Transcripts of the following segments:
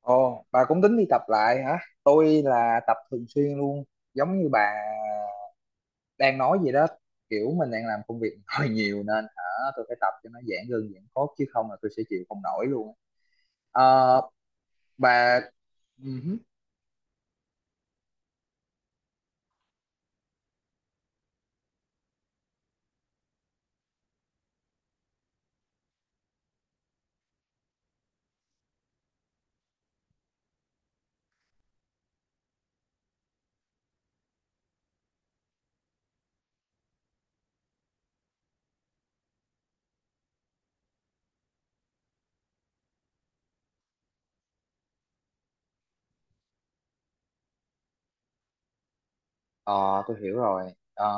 Ồ, bà cũng tính đi tập lại hả? Tôi là tập thường xuyên luôn, giống như bà đang nói vậy đó. Kiểu mình đang làm công việc hơi nhiều nên hả, tôi phải tập cho nó giãn gân giãn cốt chứ không là tôi sẽ chịu không nổi luôn. Ờ, bà, uh Ờ, tôi hiểu rồi. Ờ,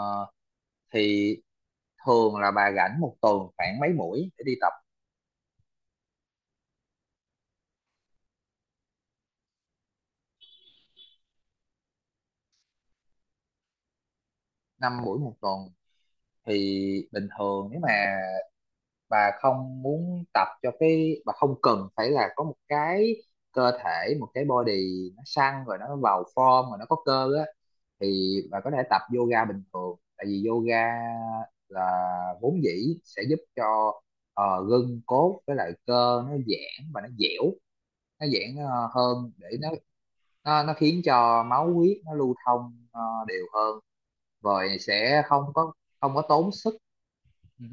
thì thường là bà rảnh một tuần khoảng mấy buổi để đi tập? 5 buổi một tuần thì bình thường, nếu mà bà không muốn tập cho cái bà không cần phải là có một cái cơ thể, một cái body nó săn rồi, nó vào form rồi, nó có cơ á thì bà có thể tập yoga bình thường. Tại vì yoga là vốn dĩ sẽ giúp cho gân cốt với lại cơ nó giãn và nó dẻo, nó giãn hơn để nó nó khiến cho máu huyết nó lưu thông đều hơn, rồi sẽ không có tốn sức. Ừ.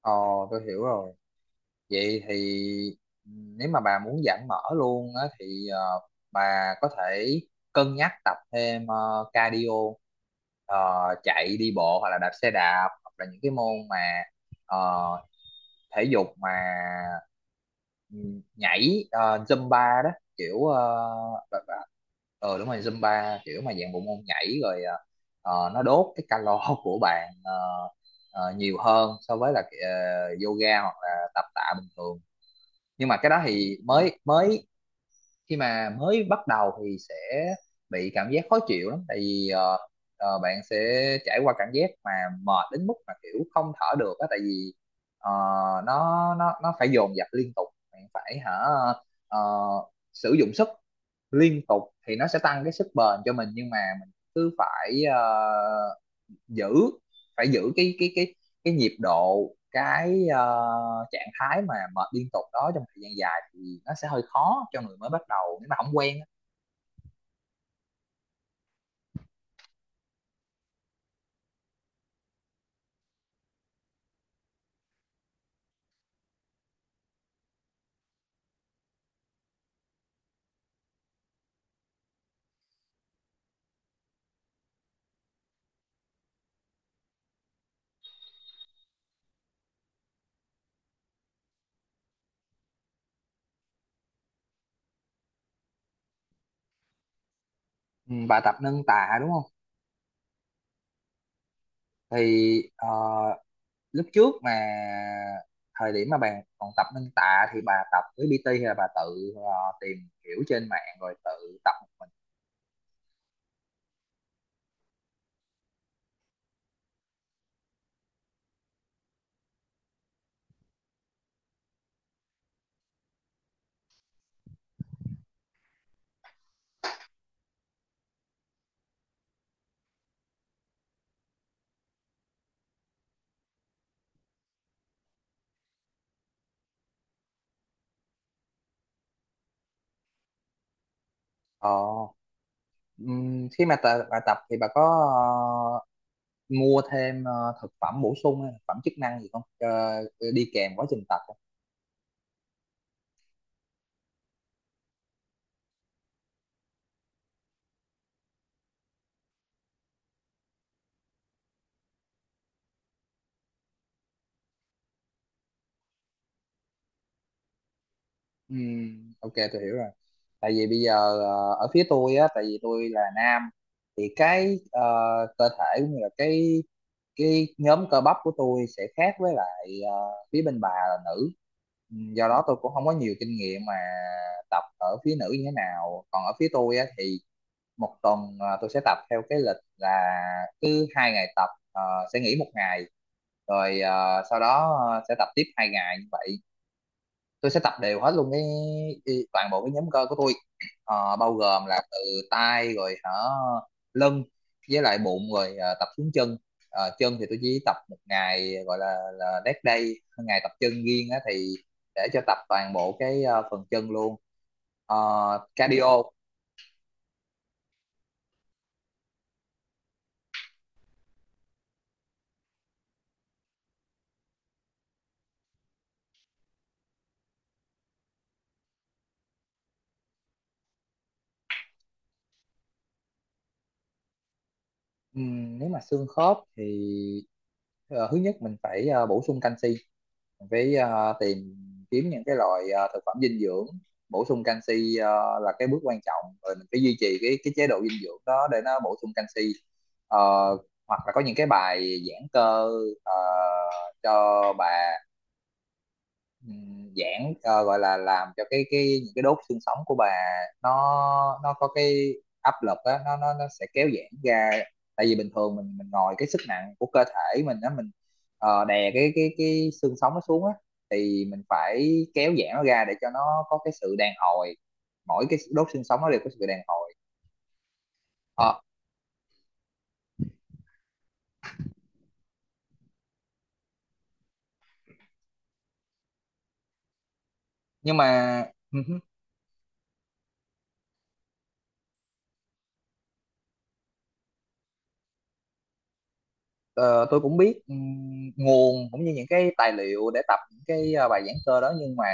Ờ, tôi hiểu rồi. Vậy thì nếu mà bà muốn giãn mỡ luôn á thì bà có thể cân nhắc tập thêm cardio. Ờ, Chạy, đi bộ hoặc là đạp xe đạp, hoặc là những cái môn mà ờ, thể dục mà ừ, nhảy Zumba đó, kiểu ờ đúng rồi, Zumba kiểu mà dạng bộ môn nhảy rồi nó đốt cái calo của bạn nhiều hơn so với là yoga hoặc là tập tạ bình thường. Nhưng mà cái đó thì mới mới khi mà mới bắt đầu thì sẽ bị cảm giác khó chịu lắm. Tại vì bạn sẽ trải qua cảm giác mà mệt đến mức mà kiểu không thở được á. Tại vì ờ, nó phải dồn dập liên tục, bạn phải hả ờ, sử dụng sức liên tục thì nó sẽ tăng cái sức bền cho mình. Nhưng mà mình cứ phải giữ phải giữ cái nhịp độ, cái trạng thái mà mệt liên tục đó trong thời gian dài thì nó sẽ hơi khó cho người mới bắt đầu nếu mà không quen á. Ừ, bà tập nâng tạ đúng không? Thì lúc trước, mà thời điểm mà bà còn tập nâng tạ thì bà tập với PT hay là bà tự tìm hiểu trên mạng rồi tự tập một mình? Ờ, ừm, khi mà bà tập thì bà có mua thêm thực phẩm bổ sung hay thực phẩm chức năng gì không, đi kèm quá trình tập không? Ok, tôi hiểu rồi. Tại vì bây giờ ở phía tôi á, tại vì tôi là nam thì cái cơ thể cũng như là cái nhóm cơ bắp của tôi sẽ khác với lại phía bên bà là nữ. Ừ, do đó tôi cũng không có nhiều kinh nghiệm mà tập ở phía nữ như thế nào. Còn ở phía tôi á thì một tuần tôi sẽ tập theo cái lịch là cứ 2 ngày tập sẽ nghỉ một ngày, rồi sau đó sẽ tập tiếp 2 ngày như vậy. Tôi sẽ tập đều hết luôn cái toàn bộ cái nhóm cơ của tôi. Bao gồm là từ tay rồi hả, lưng với lại bụng, rồi tập xuống chân. Chân thì tôi chỉ tập một ngày, gọi là dead day, ngày tập chân riêng á thì để cho tập toàn bộ cái phần chân luôn. Ờ, Cardio. Nếu mà xương khớp thì thứ nhất mình phải bổ sung canxi. Mình phải tìm kiếm những cái loại thực phẩm dinh dưỡng bổ sung canxi là cái bước quan trọng. Rồi mình phải duy trì cái chế độ dinh dưỡng đó để nó bổ sung canxi. Ờ, Hoặc là có những cái bài giãn cơ ờ, cho bà, giãn, gọi là làm cho cái những cái đốt xương sống của bà, nó có cái áp lực á, nó sẽ kéo giãn ra. Tại vì bình thường mình ngồi, cái sức nặng của cơ thể mình á, mình đè cái xương sống nó xuống á, thì mình phải kéo giãn nó ra để cho nó có cái sự đàn hồi. Mỗi cái đốt xương sống nó đều có sự đàn hồi. Ờ, nhưng mà ờ, tôi cũng biết nguồn cũng như những cái tài liệu để tập những cái bài giảng cơ đó. Nhưng mà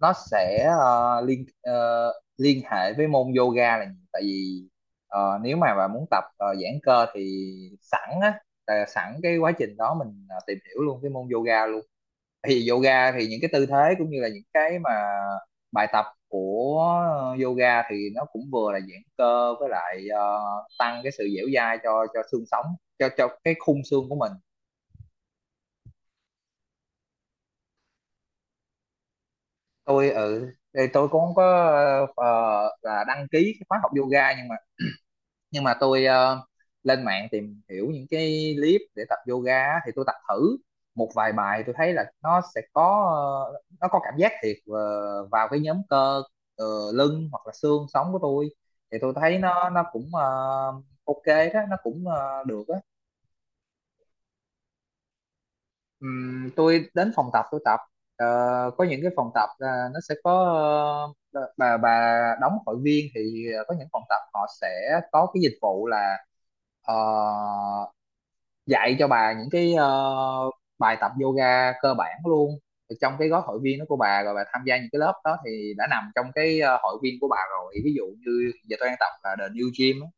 nó sẽ liên hệ với môn yoga là nhiều. Tại vì nếu mà bà muốn tập giãn cơ thì sẵn á, là sẵn cái quá trình đó mình tìm hiểu luôn cái môn yoga luôn. Thì yoga thì những cái tư thế cũng như là những cái mà bài tập của yoga thì nó cũng vừa là giãn cơ với lại tăng cái sự dẻo dai cho xương sống, cho cái khung xương của mình. Tôi, ừ, tôi cũng không có ờ, là đăng ký cái khóa học yoga, nhưng mà tôi lên mạng tìm hiểu những cái clip để tập yoga á, thì tôi tập thử một vài bài, tôi thấy là nó sẽ có nó có cảm giác thiệt vào cái nhóm cơ ờ, lưng hoặc là xương sống của tôi. Thì tôi thấy nó cũng ok đó, nó cũng được á. Tôi đến phòng tập tôi tập. Ờ, có những cái phòng tập là nó sẽ có ờ, bà đóng hội viên thì có những phòng tập họ sẽ có cái dịch vụ là ờ, dạy cho bà những cái bài tập yoga cơ bản luôn. Thì trong cái gói hội viên đó của bà, rồi bà tham gia những cái lớp đó thì đã nằm trong cái hội viên của bà rồi. Ví dụ như giờ tôi đang tập là The New Gym á.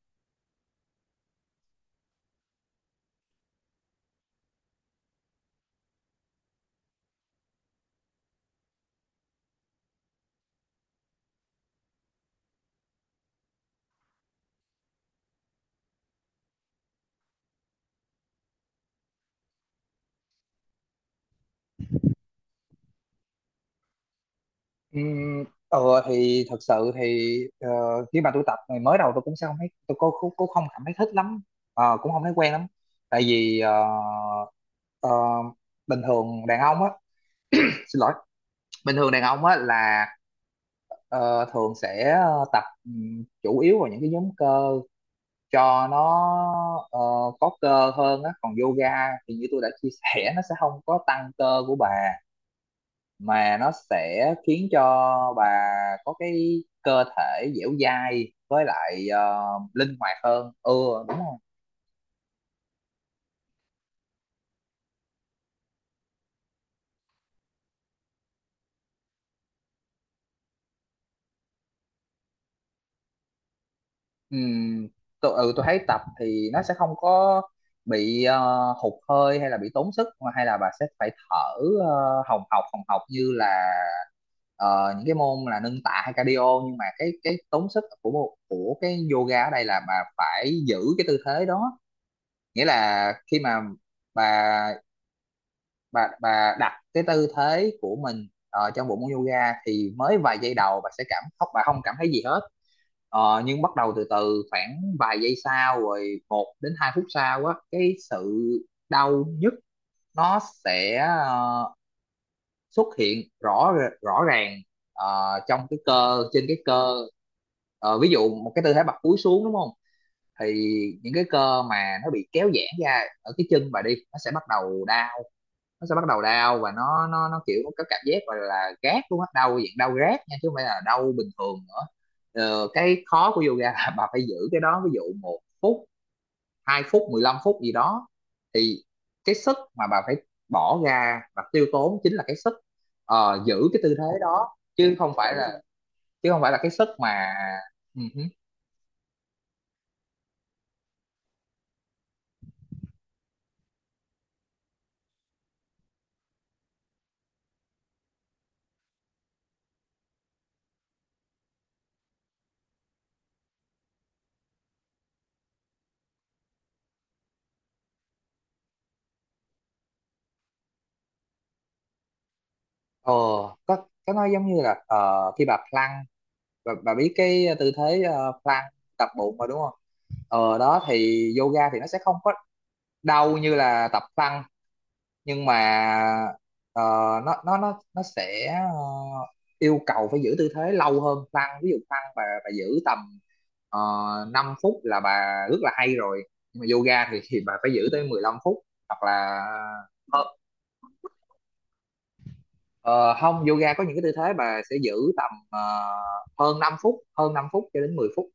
Ừm, ờ thì thật sự thì khi mà tôi tập ngày mới đầu, tôi cũng không cảm thấy thích lắm. Cũng không thấy quen lắm. Tại vì ờ, bình thường đàn ông á xin lỗi, bình thường đàn ông á là ờ, thường sẽ tập chủ yếu vào những cái nhóm cơ cho nó có cơ hơn á. Còn yoga thì như tôi đã chia sẻ, nó sẽ không có tăng cơ của bà mà nó sẽ khiến cho bà có cái cơ thể dẻo dai với lại linh hoạt hơn. Ừ, đúng rồi. Ừm, tôi thấy tập thì nó sẽ không có bị hụt hơi hay là bị tốn sức mà, hay là bà sẽ phải thở hồng hộc như là những cái môn là nâng tạ hay cardio. Nhưng mà cái tốn sức của của cái yoga ở đây là bà phải giữ cái tư thế đó. Nghĩa là khi mà bà bà đặt cái tư thế của mình trong bộ môn yoga thì mới vài giây đầu bà sẽ cảm không, bà không cảm thấy gì hết. Nhưng bắt đầu từ từ khoảng vài giây sau, rồi 1 đến 2 phút sau á, cái sự đau nhức nó sẽ xuất hiện rõ, rõ ràng trong cái cơ, trên cái cơ. Ví dụ một cái tư thế bật cúi xuống, đúng không? Thì những cái cơ mà nó bị kéo giãn ra ở cái chân bà đi, nó sẽ bắt đầu đau, nó sẽ bắt đầu đau, và nó kiểu có cảm giác, gọi là gác luôn á, đau dạng đau rát nha, chứ không phải là đau bình thường nữa. Cái khó của yoga là bà phải giữ cái đó, ví dụ 1 phút, 2 phút, 15 phút gì đó. Thì cái sức mà bà phải bỏ ra và tiêu tốn chính là cái sức giữ cái tư thế đó, chứ không phải là cái sức mà uh có có nói giống như là khi bà plank, bà biết cái tư thế plank tập bụng mà đúng không? Đó thì yoga thì nó sẽ không có đau như là tập plank, nhưng mà ờ, nó sẽ yêu cầu phải giữ tư thế lâu hơn plank. Ví dụ plank bà giữ tầm 5 phút là bà rất là hay rồi. Nhưng mà yoga thì bà phải giữ tới 15 phút. Hoặc là ờ, ờ, không, yoga có những cái tư thế bà sẽ giữ tầm hơn 5 phút, hơn 5 phút cho đến 10 phút.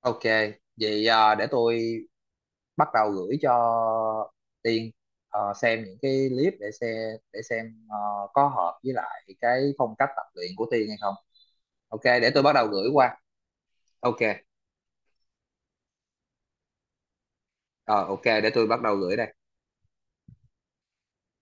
Ok, vậy à, để tôi bắt đầu gửi cho Tiên xem những cái clip, để xem để xem ờ, có hợp với lại cái phong cách tập luyện của Tiên hay không. Ok, để tôi bắt đầu gửi qua. Ok, ờ, ok, để tôi bắt đầu gửi đây.